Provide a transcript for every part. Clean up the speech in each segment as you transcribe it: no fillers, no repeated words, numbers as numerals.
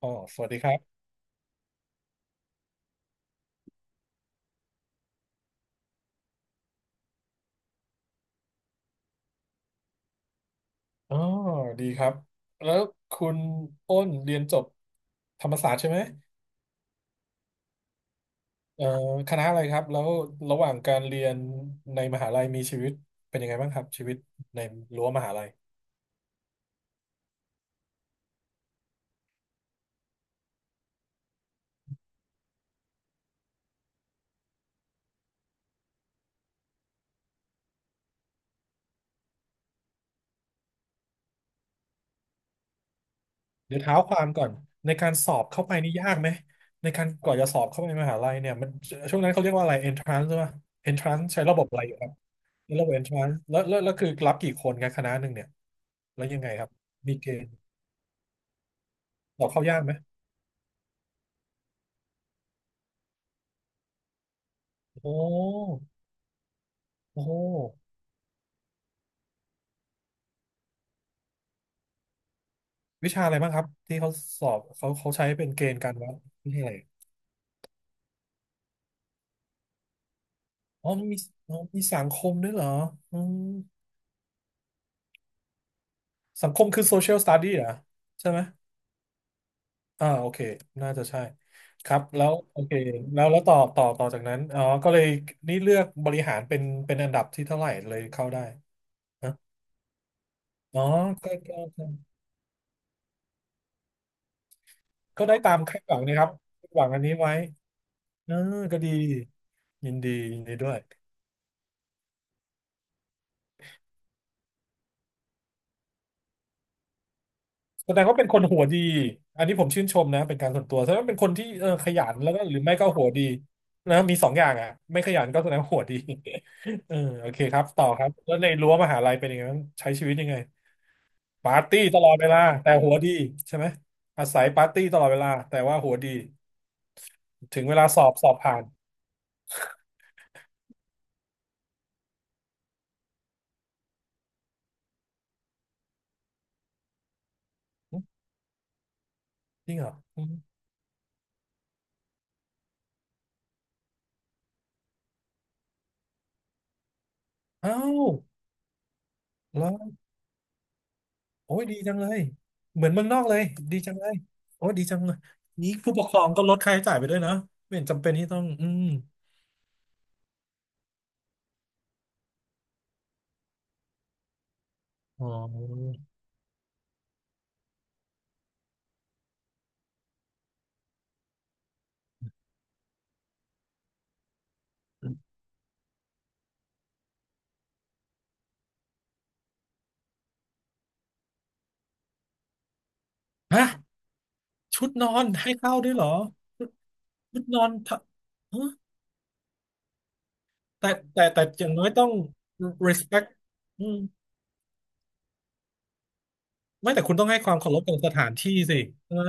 อ๋อสวัสดีครับอ๋อดีครับ แล้วคุณอ้นเรียนจบธรรมศาสตร์ใช่ไหมเอ่อคณะอะไรครับ แล้วระหว่างการเรียนในมหาลัยมีชีวิตเป็นยังไงบ้างครับชีวิตในรั้วมหาลัยเดี๋ยวเท้าความก่อนในการสอบเข้าไปนี่ยากไหมในการกว่าจะสอบเข้าไปมหาลัยเนี่ยมันช่วงนั้นเขาเรียกว่าอะไร entrance ใช่ไหม entrance ใช้ระบบอะไรอยู่ครับในระบบ entrance แล้วคือรับกี่คนกันคณะหนึ่งเนี่ยแล้วยังไงครับมีเกณฑ์สอบเข้ายากไหมโอ้โอ้ วิชาอะไรบ้างครับที่เขาสอบเขาใช้เป็นเกณฑ์การวัดวิชยอะไรอ๋อมีอ๋อมีสังคมด้วยเหรออืมสังคมคือ social study เหรอใช่ไหมอ่าโอเคน่าจะใช่ครับแล้วโอเคแล้วแล้วต่อจากนั้นอ๋อก็เลยนี่เลือกบริหารเป็นอันดับที่เท่าไหร่เลยเข้าได้นะอ๋อก็ก็ได้ตามคาดหวังนะครับคาดหวังอันนี้ไว้เออก็ดียินดียินดีด้วย แสดงว่าเป็นคนหัวดีอันนี้ผมชื่นชมนะเป็นการส่วนตัวแสดงว่าเป็นคนที่เออขยันแล้วก็หรือไม่ก็หัวดีนะมีสองอย่างอ่ะไม่ขยันก็แสดงว่าหัวดี เออโอเคครับต่อครับแล้วในรั้วมหาลัยเป็นยังไงบ้างใช้ชีวิตยังไงปาร์ตี้ตลอดเวลาแต่หัวดีใช่ไหมอาศัยปาร์ตี้ตลอดเวลาแต่ว่าหัวดีถึงเวลาสอบสอบผ่านหึจริงเหรออืมอ้าวแล้วโอ้ยดีจังเลยเหมือนเมืองนอกเลยดีจังเลยโอ้ยดีจังเลยนี้ผู้ปกครองก็ลดค่าใช้จ่ายไปด้วยนะไม่เห็นจำเป็นที่ต้องอืม อ๋อฮะชุดนอนให้เข้าด้วยเหรอชุดชุดนอนทะฮะแต่แต่อย่างน้อยต้อง respect อืมไม่แต่คุณต้องให้ความเคารพกับสถานที่สิใช่ไหม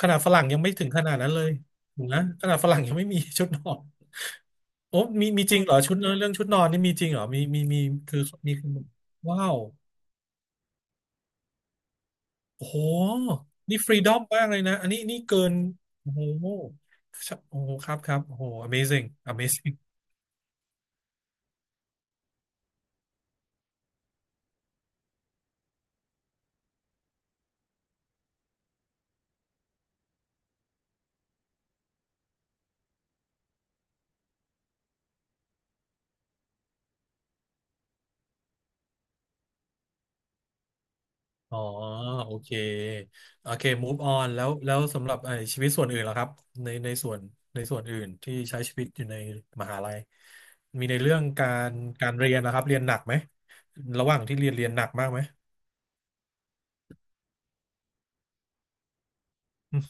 ขนาดฝรั่งยังไม่ถึงขนาดนั้นเลยถูกนะขนาดฝรั่งยังไม่มีชุดนอนโอ้มีมีจริงเหรอชุดนอนเรื่องชุดนอนนี่มีจริงเหรอมีคือมีว้าวโอ้โหนี่ฟรีดอมมากเลยนะอันนี้นี่เกินโอ้โหโอ้โหครับครับโอ้โห amazing amazing อ๋อโอเคโอเค move on แล้วแล้วสำหรับไอ้ชีวิตส่วนอื่นล่ะครับในส่วนในส่วนอื่นที่ใช้ชีวิตอยู่ในมหาลัยมีในเรื่องการเรียนนะครับเรียนหนักไหมระหว่างที่เรียนเรียนหนักมากไหมอืม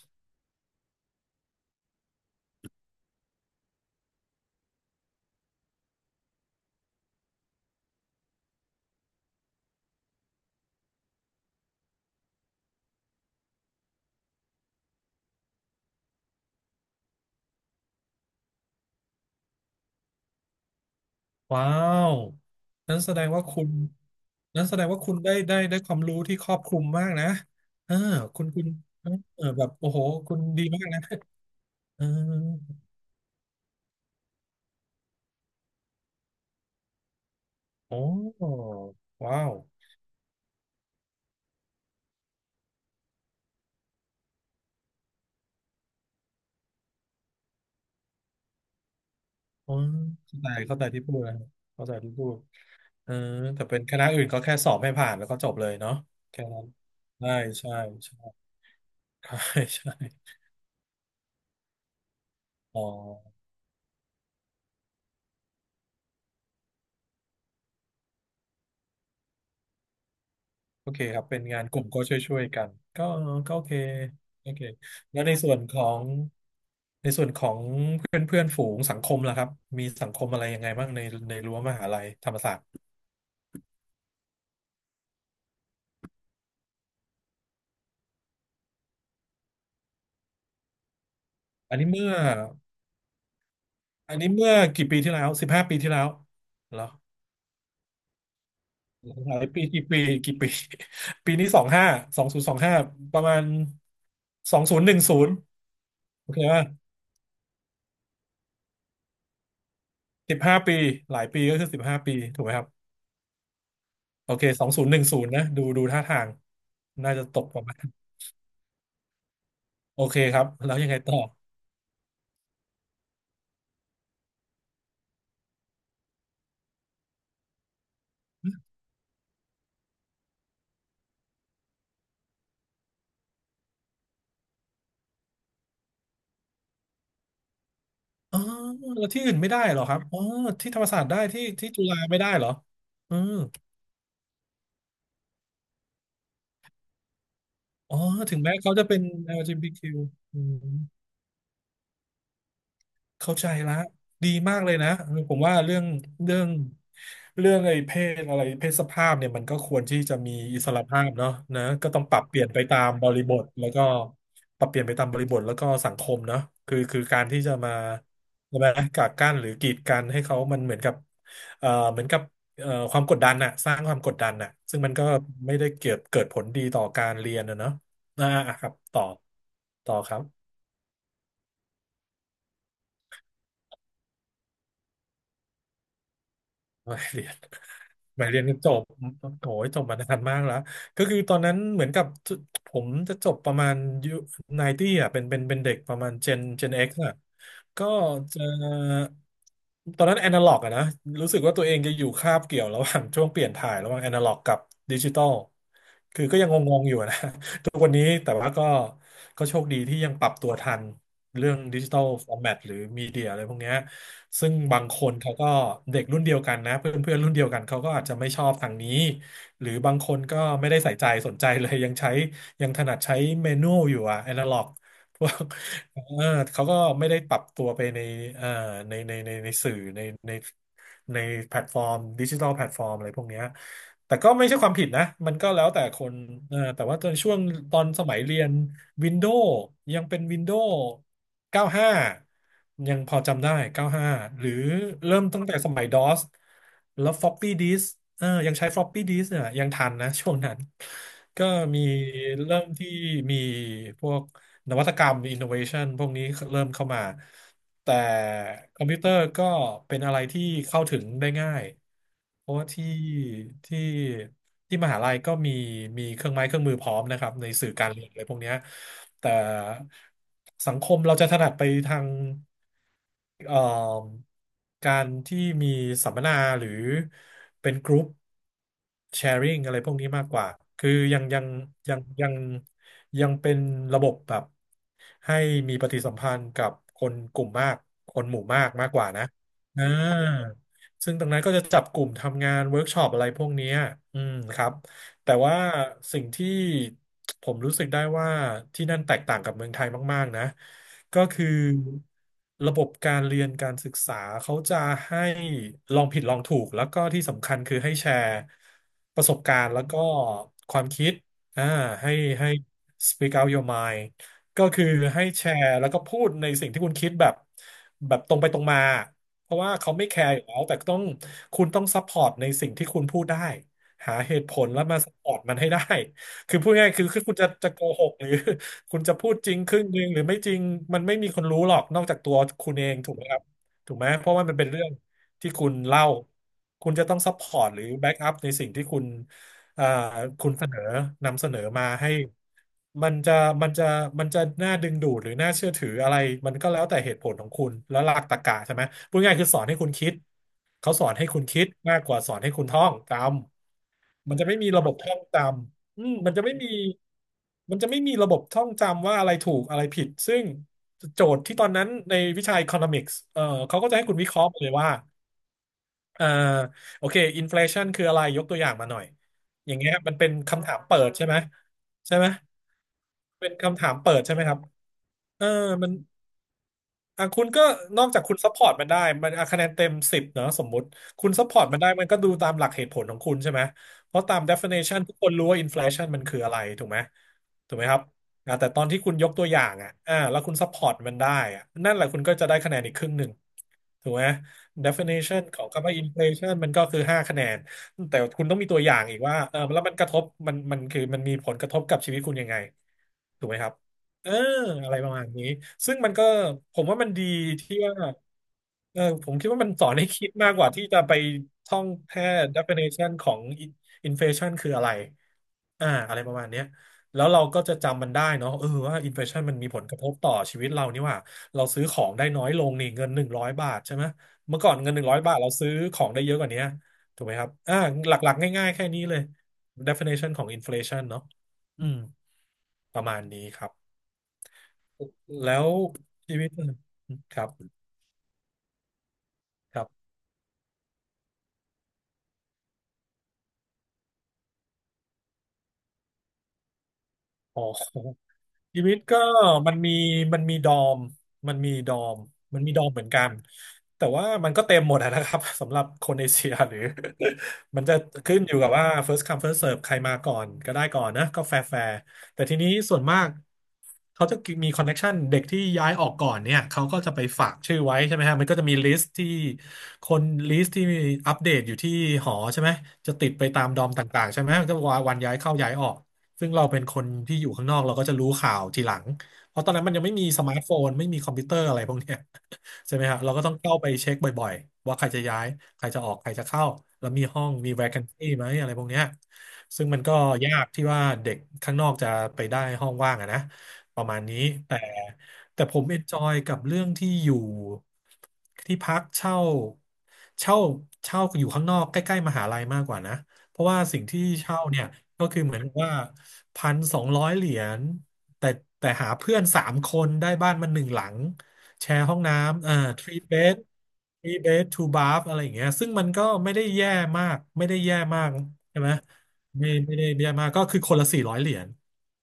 ว้าวนั้นแสดงว่าคุณนั้นแสดงว่าคุณได้ความรู้ที่ครอบคลุมมากนะเออคุณคุณเออแบบโอ้โหคุณดีมากนะเออโอ้ว้าว อ๋อเข้าใจเข้าใจที่พูดนะเข้าใจที่พูดเออแต่เป็นคณะอื่นก็แค่สอบให้ผ่านแล้วก็จบเลยเนาะแค่นั้นใช่ใช่ใช่ใช่ ใช่อ๋อโอเคครับเป็นงานกลุ่มก็ช่วยๆกันก็ก็โอเคโอเคแล้วในส่วนของในส่วนของเพื่อนเพื่อนฝูงสังคมล่ะครับมีสังคมอะไรยังไงบ้างในรั้วมหาลัยธรรมศาสตร์อันนี้เมื่ออันนี้เมื่อกี่ปีที่แล้วสิบห้าปีที่แล้วเหรอ หลายปีกี่ปีกี่ปี ปีนี้สองห้าสองศูนย์สองห้าประมาณสองศูนย์หนึ่งศูนย์โอเคป่ะสิบห้าปีหลายปีก็คือสิบห้าปีถูกไหมครับโอเคสองศูนย์หนึ่งศูนย์นะดูดูท่าทางน่าจะตกประมาณโอเคครับแล้วยังไงต่ออ๋อแล้วที่อื่นไม่ได้เหรอครับอ๋อที่ธรรมศาสตร์ได้ที่จุฬาไม่ได้เหรออืมอ๋อถึงแม้เขาจะเป็น LGBTQ อลจีบีทีคิวอืม เข้าใจละดีมากเลยนะผมว่าเรื่องเรื่องเรื่องไอ้เพศอะไรเพศสภาพเนี่ยมันก็ควรที่จะมีอิสรภาพเนาะนะก็ต้องปรับเปลี่ยนไปตามบริบทแล้วก็ปรับเปลี่ยนไปตามบริบทแล้วก็สังคมเนาะคือการที่จะมาใช่ไหมกักกั้นหรือกีดกันให้เขามันเหมือนกับเหมือนกับความกดดันน่ะสร้างความกดดันน่ะซึ่งมันก็ไม่ได้เกิดผลดีต่อการเรียนนะเนาะอ่าอ่ะครับต่อครับ ไม่เรียน หมายเรียนจบโอ้ยจบมานานมากแล้วก็คือตอนนั้นเหมือนกับผมจะจบประมาณยุไนตี้อ่ะเป็นเด็กประมาณเจนเอ็กซ์อ่ะก็จะตอนนั้นแอนาล็อกอะนะรู้สึกว่าตัวเองจะอยู่คาบเกี่ยวระหว่าง ช่วงเปลี่ยนถ่ายระหว่างแอนาล็อกกับดิจิตอลคือก็ยังงงๆอยู่นะ ทุกวันนี้แต่ว่าก็โชคดีที่ยังปรับตัวทันเรื่องดิจิตอลฟอร์แมตหรือมีเดียอะไรพวกเนี้ย ซึ่งบางคนเขาก็เด็กรุ่นเดียวกันนะเพื่อนเพื่อนรุ่นเดียวกันเขาก็อาจจะไม่ชอบทางนี้หรือบางคนก็ไม่ได้ใส่ใจสนใจเลยยังใช้ยังถนัดใช้เมนูอยู่อะแอนะล็อก พวก เออเขาก็ไม่ได้ปรับตัวไปในเอ่อในสื่อในในแพลตฟอร์มดิจิทัลแพลตฟอร์มอะไรพวกเนี้ยแต่ก็ไม่ใช่ความผิดนะ มันก็แล้วแต่คนเออแต่ว่าตอนช่วงตอนสมัยเรียน Windows ยังเป็น Windows 95 ยังพอจำได้95หาหรือเริ่มตั้งแต่สมัย DOS แล้ว floppy disk เออยังใช้ floppy disk เนี่ยยังทันนะช่วงนั้น ก็มีเริ่มที่มีพวก นวัตกรรม innovation พวกนี้เริ่มเข้ามา แต่คอมพิวเตอร์ก็เป็นอะไรที่เข้าถึงได้ง่าย เพราะว่าที่ที่มหาลัยก็มีมีเครื่องไม้เครื่องมือพร้อมนะครับในสื่อการเรียนอะไรพวกเนี้ยแต่สังคมเราจะถนัดไปทางเอ่อการที่มีสัมมนาหรือเป็นกรุ๊ปแชร์ i ิ g งอะไรพวกนี้มากกว่า คือยัง ยังเป็นระบบแบบให้มีปฏิสัมพันธ์กับคนกลุ่มมากคนหมู่มากมากกว่านะอ่าซึ่งตรงนั้นก็จะจับกลุ่มทำงานเวิร์กช็อปอะไรพวกเนี้ยอืมครับแต่ว่าสิ่งที่ผมรู้สึกได้ว่าที่นั่นแตกต่างกับเมืองไทยมากๆนะก็คือระบบการเรียนการศึกษาเขาจะให้ลองผิดลองถูกแล้วก็ที่สำคัญคือให้แชร์ประสบการณ์แล้วก็ความคิด อ่าให้ให้ speak out your mind ก็คือให้แชร์แล้วก็พูดในสิ่งที่คุณคิดแบบตรงไปตรงมาเพราะว่าเขาไม่แคร์อยู่แล้วแต่ต้องคุณต้องซัพพอร์ตในสิ่งที่คุณพูดได้หาเหตุผลแล้วมาซัพพอร์ตมันให้ได้ คือพูดง่ายๆคือคุณจะโกหกหรือ คุณจะพูดจริงครึ่งหนึ่งหรือไม่จริงมันไม่มีคนรู้หรอกนอกจากตัวคุณเองถูกไหมครับถูกไหมเพราะว่ามันเป็นเรื่องที่คุณเล่าคุณจะต้องซัพพอร์ตหรือแบ็กอัพในสิ่งที่คุณ เอ่อคุณเสนอนำเสนอมาให้มันจะมันจะมันจะน่าดึงดูดหรือน่าเชื่อถืออะไรมันก็แล้วแต่เหตุผลของคุณแล้วหลักตรรกะใช่ไหมพูดง่ายๆคือสอนให้คุณคิดเขาสอนให้คุณคิดมากกว่าสอนให้คุณท่องจำมันจะไม่มีระบบท่องจำอืมมันจะไม่มีระบบท่องจำว่าอะไรถูกอะไรผิดซึ่งโจทย์ที่ตอนนั้นในวิชา economics เขาก็จะให้คุณวิเคราะห์ไปเลยว่า อ่าโอเคอินฟล t ชันคืออะไรยกตัวอย่างมาหน่อยอย่างเงี้ยมันเป็นคำถามเปิดใช่ไหมใช่ไหมเป็นคำถามเปิดใช่ไหมครับเออมัน อ่ะคุณก็นอกจากคุณซัพพอร์ตมันได้มันอ่ะคะแนนเต็ม10เนอะสมมุติคุณซัพพอร์ตมันได้มันก็ดูตามหลักเหตุผลของคุณใช่ไหมเพราะตาม definition ทุกคนรู้ว่า inflation มันคืออะไรถูกไหมถูกไหมครับอ่ะแต่ตอนที่คุณยกตัวอย่างอ่ะอ่าแล้วคุณซัพพอร์ตมันได้อ่ะนั่นแหละคุณก็จะได้คะแนนอีกครึ่งหนึ่งถูกไหม definition ของคำว่า inflation มันก็คือ5 คะแนนแต่คุณต้องมีตัวอย่างอีกว่าเออแล้วมันกระทบมันมีผลกระทบกับชีวิตคุณยังไงถูกไหมครับ เอออะไรประมาณนี้ซึ่งมันก็ผมว่ามันดีที่ว่าเออผมคิดว่ามันสอนให้คิดมากกว่าที่จะไปท่องแค่ definition ของ inflation คืออะไรอ่าอะไรประมาณเนี้ยแล้วเราก็จะจำมันได้เนาะเออว่า inflation มันมีผลกระทบต่อชีวิตเรานี่หว่าเราซื้อของได้น้อยลงนี่เงินหนึ่งร้อยบาทใช่ไหมเมื่อก่อนเงินหนึ่งร้อยบาทเราซื้อของได้เยอะกว่านี้ถูกไหมครับอ่าหลักๆง่ายๆแค่นี้เลย definition ของ inflation เนาะอืมประมาณนี้ครับ แล้วชีวิตครับครับอ๋อ ชีวิตก็มันมีมันมีดอมมันมีดอมมันมีดอมเหมือนกันแต่ว่ามันก็เต็มหมดอะนะครับ สำหรับคนเอเชียหรือ มันจะขึ้นอยู่กับว่า first come first serve ใครมาก่อนก็ได้ก่อนนะก็แฟร์แฟร์แต่ทีนี้ส่วนมากเขาจะมีคอนเน c t ชันเด็กที่ย้ายออกก่อนเนี่ยเขาก็จะไปฝากชื่อไว้ใช่ไหมฮะมันก็จะมีคนลิสต์ที่มีอัปเดตอยู่ที่หอใช่ไหมจะติดไปตามดอมต่างๆใช่ไหมก็วันย้ายเข้าย้ายออก ซึ่งเราเป็นคนที่อยู่ข้างนอกเราก็จะรู้ข่าวทีหลังเพราะตอนนั้นมันยังไม่มีสมาร์ทโฟนไม่มีคอมพิวเตอร์อะไรพวกเนี้ย ใช่ไหมฮะเราก็ต้องเข้าไปเช็คบ่อยๆว่าใครจะย้ายใครจะออกใครจะเข้าแล้วมีห้องมี vacancy ไหมอะไรพวกเนี้ยซึ่งมันก็ยากที่ว่าเด็กข้างนอกจะไปได้ห้องว่างอะนะประมาณนี้แต่แต่ผมเอนจอยกับเรื่องที่อยู่ที่พักเช่าเช่าอยู่ข้างนอกใกล้ๆมหาลัยมากกว่านะเพราะว่าสิ่งที่เช่าเนี่ย ก็คือเหมือนว่า1,200 เหรียญแต่แต่หาเพื่อน3 คนได้บ้านมัน1 หลังแชร์ห้องน้ำthree bed three bed two bath อะไรอย่างเงี้ยซึ่งมันก็ไม่ได้แย่มากไม่ได้แย่มากใช่ไหมไม่ได้แย่มากก็คือคนละ400 เหรียญ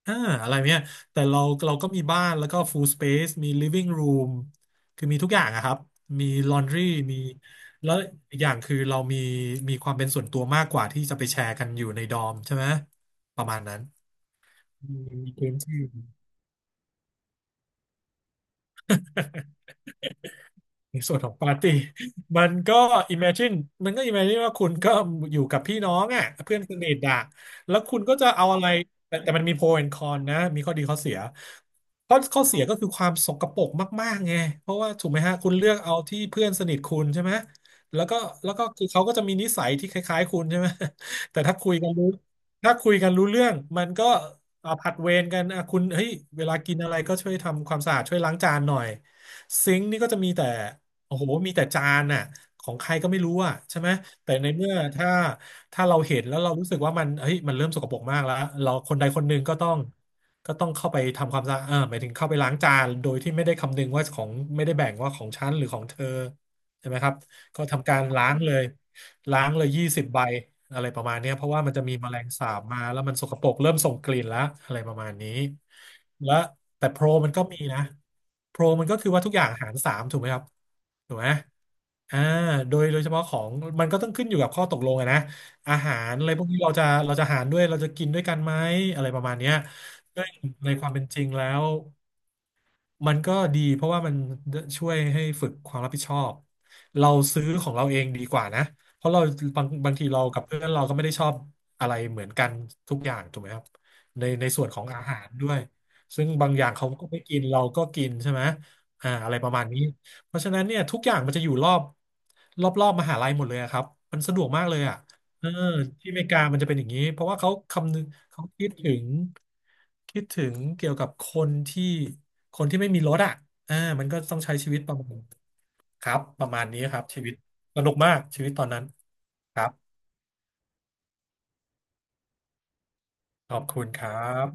อ่าอะไรเนี้ยแต่เราเราก็มีบ้านแล้วก็ full space มี living room คือมีทุกอย่างอะครับมี laundry มี แล้วอีกอย่างคือเรามีความเป็นส่วนตัวมากกว่าที่จะไปแชร์กันอยู่ในดอมใช่ไหมประมาณนั้นมีเกณฑ์ชื่อ ในส่วนของปาร์ตี้ มันก็ imagine มันก็ imagine ว่าคุณก็อยู่กับพี่น้องอ่ะเพื่อนสนิทอ่ะแล้วคุณก็จะเอาอะไรแต่มันมี pro and con นะมีข้อดีข้อเสียข้อเสียก็คือความสกปรกมากๆไงเพราะว่าถูกไหมฮะคุณเลือกเอาที่เพื่อนสนิทคุณใช่ไหมแล้วก็แล้วก็คือเขาก็จะมีนิสัยที่คล้ายๆคุณใช่ไหม แต่ถ้าคุยกันรู้เรื่องมันก็เอาผัดเวรกันอ่ะคุณเฮ้ยเวลากินอะไรก็ช่วยทำความสะอาดช่วยล้างจานหน่อย ซิงค์นี่ก็จะมีแต่โอ้โหมีแต่จานน่ะของใครก็ไม่รู้อ่ะใช่ไหมแต่ในเมื่อถ้าเราเห็นแล้วเรารู้สึกว่ามันเฮ้ยมันเริ่มสกปรกมากแล้วเราคนใดคนหนึ่งก็ต้องเข้าไปทำความสะอาดเออหมายถึงเข้าไปล้างจานโดยที่ไม่ได้คำนึงว่าของไม่ได้แบ่งว่าของฉันหรือของเธอใช่ไหมครับก็ทำการล้างเลย20 ใบอะไรประมาณเนี้ยเพราะว่ามันจะมีแมลงสาบมาแล้วมันสกปรกเริ่มส่งกลิ่นแล้วอะไรประมาณนี้และแต่โปรมันก็มีนะโปรมันก็คือว่าทุกอย่างหาร 3ถูกไหมครับถูกไหมอ่าโดยเฉพาะของมันก็ต้องขึ้นอยู่กับข้อตกลงอะนะอาหารอะไรพวกนี้เราจะหารด้วยเราจะกินด้วยกันไหมอะไรประมาณเนี้ยซึ่งในความเป็นจริงแล้ว มันก็ดีเพราะว่ามันช่วยให้ฝึกความรับผิดชอบเราซื้อของเราเองดีกว่านะเพราะเราบางทีเรากับเพื่อนเราก็ไม่ได้ชอบอะไรเหมือนกันทุกอย่างถูกไหมครับในในส่วนของอาหารด้วยซึ่งบางอย่างเขาก็ไม่กินเราก็กินใช่ไหมอะไรประมาณนี้เพราะฉะนั้นเนี่ยทุกอย่างมันจะอยู่รอบมหาลัยหมดเลยอะครับมันสะดวกมากเลยอ่ะ เออที่อเมริกามันจะเป็นอย่างนี้เพราะว่าเขาคำนึงเขาคิดถึงเกี่ยวกับนที่คนที่ไม่มีรถอ่ะอ่ามันก็ต้องใช้ชีวิตประมาณครับประมาณนี้ครับชีวิตสนุกมากชีวิตตอนนั้นครับขอบคุณครับ